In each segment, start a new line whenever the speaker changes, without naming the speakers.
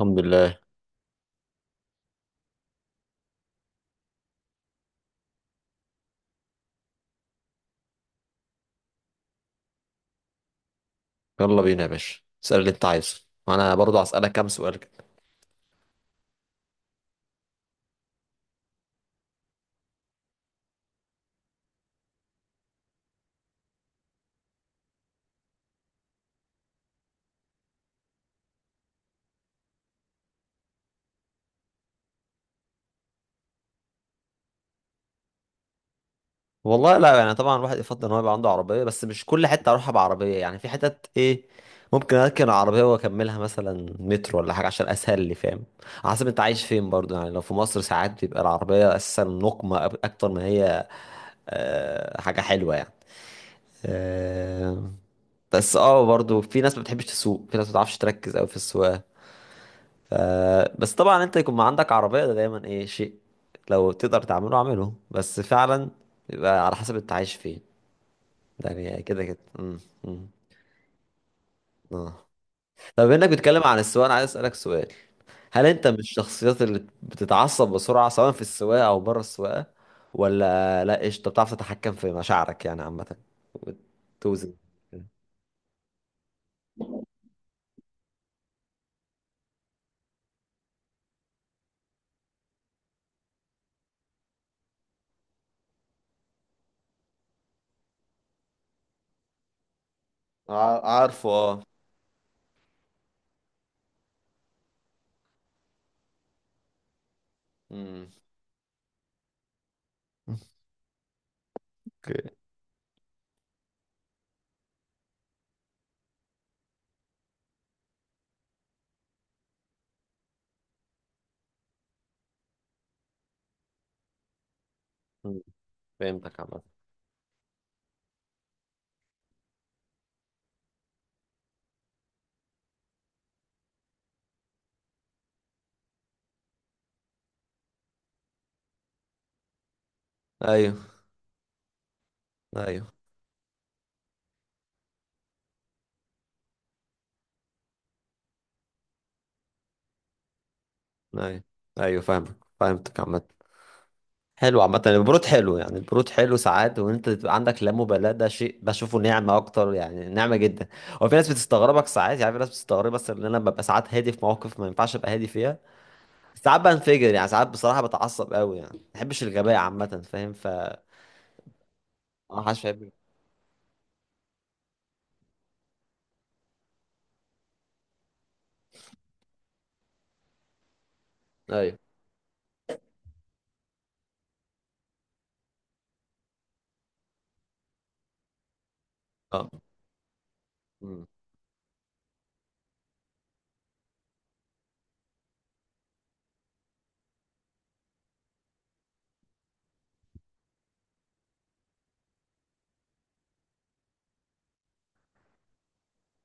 الحمد لله. يلا بينا يا باشا، اسأل اللي انت عايزه، وانا برضو هسألك كام سؤال كده. والله لا يعني، طبعا الواحد يفضل ان هو يبقى عنده عربية، بس مش كل حتة اروحها بعربية. يعني في حتت ايه ممكن اركن عربية واكملها مثلا مترو ولا حاجة، عشان اسهل لي، فاهم؟ على حسب انت عايش فين برضو، يعني لو في مصر ساعات بيبقى العربية اساسا نقمة اكتر ما هي حاجة حلوة يعني. آه، بس برضو في ناس ما بتحبش تسوق، في ناس ما بتعرفش تركز قوي في السواقة. ف... بس طبعا انت يكون ما عندك عربية ده دايما ايه شيء، لو تقدر تعمله اعمله بس فعلا. يبقى على حسب انت عايش فين. ده يعني كده كده امم اه. طب انك بتتكلم عن السواقة، انا عايز اسألك سؤال: هل انت من الشخصيات اللي بتتعصب بسرعة، سواء في السواقة او بره السواقة؟ ولا لا، قشطة بتعرف تتحكم في مشاعرك يعني عامة وتوزن؟ عارفه اه. امم اوكي. أمم، فهمتك عامة. ايوه، ايوه، ايوه، ايوه فاهمك، فهمتك عامة. حلو، عامة البرود حلو، يعني البرود حلو ساعات، وان انت تبقى عندك لا مبالاة ده شيء بشوفه نعمة اكتر، يعني نعمة جدا. هو في ناس بتستغربك ساعات، يعني في ناس بتستغرب بس ان انا ببقى ساعات هادي في مواقف ما ينفعش ابقى هادي فيها. ساعات بنفجر يعني، ساعات بصراحة بتعصب قوي يعني، ما بحبش الغباء عامة. فاهم ما حدش بيحب. ايوه. اه. أمم.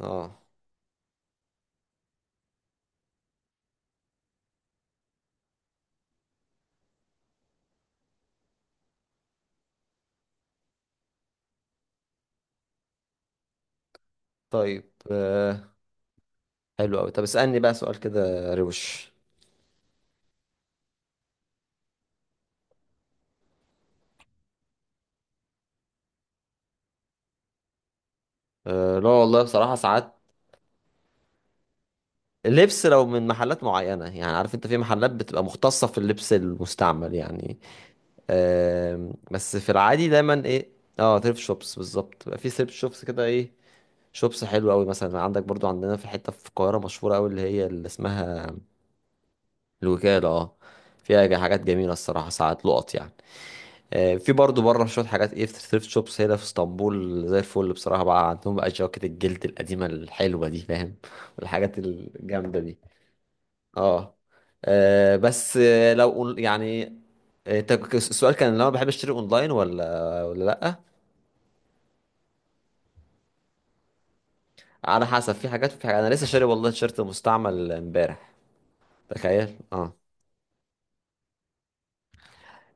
اه. طيب حلو قوي. طب اسألني بقى سؤال كده روش. لا والله بصراحة ساعات. لبس، لو من محلات معينة، يعني عارف انت في محلات بتبقى مختصة في اللبس المستعمل يعني. بس في العادي دايما ايه. اه، ثريفت شوبس بالظبط، بيبقى في ثريفت شوبس كده ايه شوبس حلوة قوي. مثلا عندك برضو عندنا في حتة في القاهرة مشهورة قوي، اللي هي اللي اسمها الوكالة اه. فيها حاجات جميلة الصراحة، ساعات لقط يعني. في برضو بره شوية حاجات ايه في ثريفت شوبس هنا في اسطنبول زي الفل بصراحة، بقى عندهم بقى جواكت الجلد القديمة الحلوة دي، فاهم؟ والحاجات الجامدة دي. اه. بس لو يعني السؤال كان لو انا بحب اشتري اونلاين ولا لا. على حسب، في حاجات انا لسه شاري والله تيشيرت مستعمل امبارح. تخيل اه.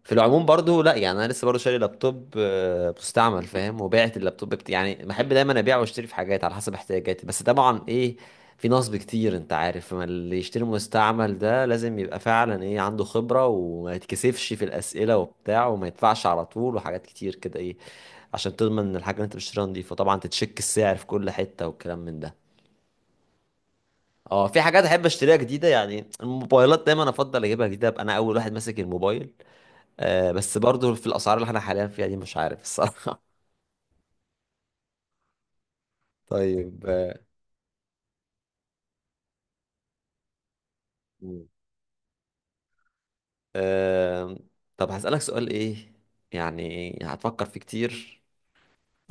في العموم برضو لا يعني، انا لسه برضو شاري لابتوب مستعمل فاهم، وبعت اللابتوب يعني بحب دايما ابيع واشتري في حاجات على حسب احتياجاتي، بس طبعا ايه، في نصب كتير انت عارف. ما اللي يشتري مستعمل ده لازم يبقى فعلا ايه، عنده خبرة وما يتكسفش في الاسئلة وبتاع وما يدفعش على طول وحاجات كتير كده ايه، عشان تضمن ان الحاجة اللي انت بتشتريها نضيفة. طبعا تتشك السعر في كل حتة والكلام من ده. اه، في حاجات احب اشتريها جديدة، يعني الموبايلات دايما افضل اجيبها جديدة، ابقى انا اول واحد ماسك الموبايل. آه بس برضو في الاسعار اللي احنا حاليا فيها دي، مش عارف الصراحه. طيب مم. آه، طب هسألك سؤال ايه، يعني هتفكر فيه كتير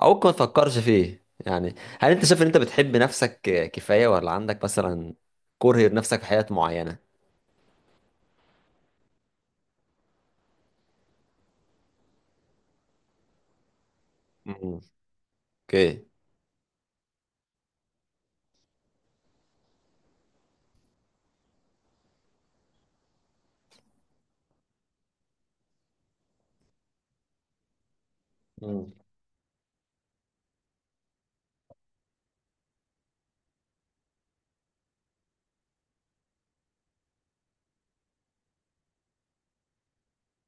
او ممكن ما تفكرش فيه: يعني هل انت شايف ان انت بتحب نفسك كفاية؟ ولا عندك مثلا كره لنفسك في حاجات معينة؟ مم. اوكي. مم.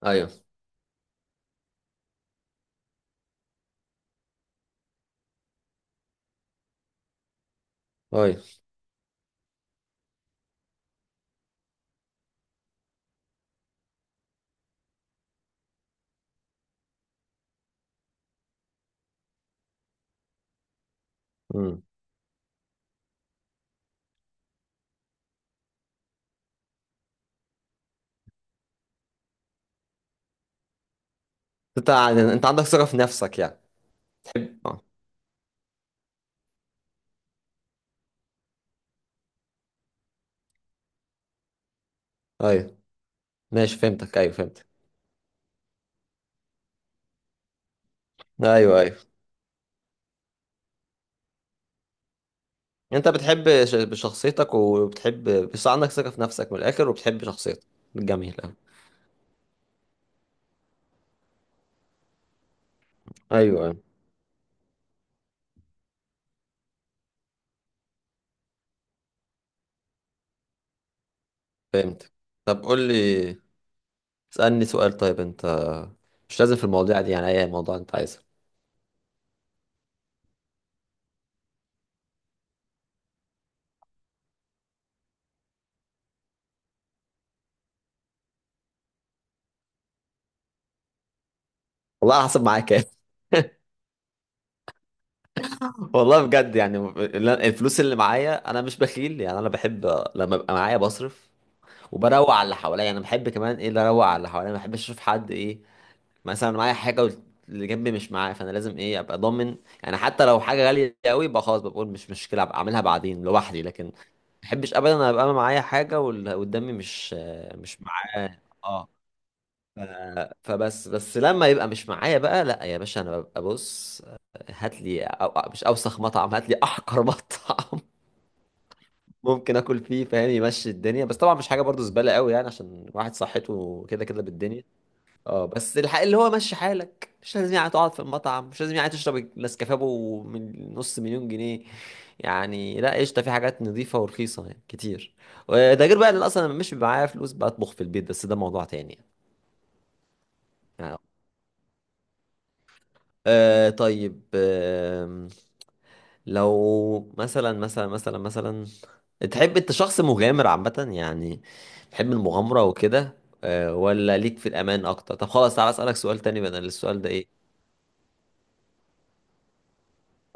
ايوه ايوه. مم. انت انت عندك ثقة في نفسك يعني؟ تحب اه. ايوه. ماشي، فهمتك ايوه فهمتك. ايوه ايوه. انت بتحب شخصيتك وبتحب، بس عندك ثقة في نفسك من الاخر وبتحب شخصيتك. جميل أوي. ايوه أيوة. فهمت. طب قول لي، اسألني سؤال طيب انت، مش لازم في المواضيع دي، يعني اي موضوع انت عايزه. والله على حسب معايا كام. والله بجد يعني، الفلوس اللي معايا انا مش بخيل يعني، انا بحب لما ببقى معايا بصرف وبروق على اللي حواليا. يعني انا بحب كمان ايه، اللي اروق على اللي حواليا، ما بحبش اشوف حد ايه مثلا معايا حاجه واللي جنبي مش معاه، فانا لازم ايه ابقى ضامن. يعني حتى لو حاجه غاليه قوي، يبقى خلاص بقول مش مشكله، ابقى اعملها بعدين لوحدي، لكن ما بحبش ابدا ابقى انا معايا حاجه واللي قدامي مش معاه اه. ف- فبس لما يبقى مش معايا بقى، لا يا باشا انا ببقى بص، هات لي أو مش اوسخ مطعم، هات لي احقر مطعم ممكن اكل فيه فاهم، يمشي الدنيا. بس طبعا مش حاجه برضو زباله قوي يعني، عشان واحد صحته كده كده بالدنيا. اه، بس الحق اللي هو مشي حالك، مش لازم يعني تقعد في المطعم، مش لازم يعني تشرب النسكافيه أبو من نص مليون جنيه. يعني لا قشطه، في حاجات نظيفه ورخيصه يعني كتير. وده غير بقى ان اصلا أنا مش بيبقى معايا فلوس، بطبخ في البيت، بس ده موضوع تاني يعني. آه طيب لو مثلا تحب انت شخص مغامر عامة يعني، تحب المغامرة وكده آه؟ ولا ليك في الأمان أكتر؟ طب خلاص تعالى أسألك سؤال تاني بدل السؤال ده إيه.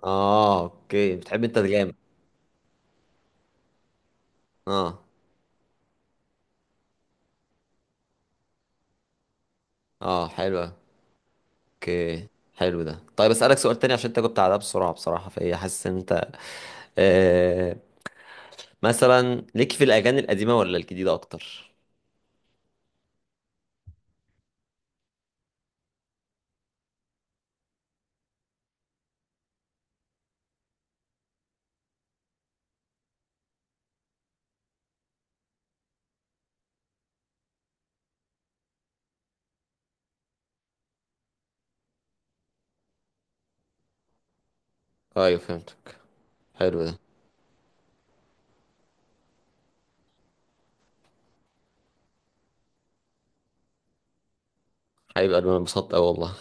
اه اوكي، بتحب انت الجامد. اه، اه، حلو اوكي. حلو ده. طيب اسالك سؤال تاني عشان انت جبت على ده بسرعه بصراحه، فهي حاسس ان انت آه، مثلا ليك في الاغاني القديمه ولا الجديده اكتر؟ ايوه فهمتك. حلو ده. هيبقى انا انبسطت اوي والله.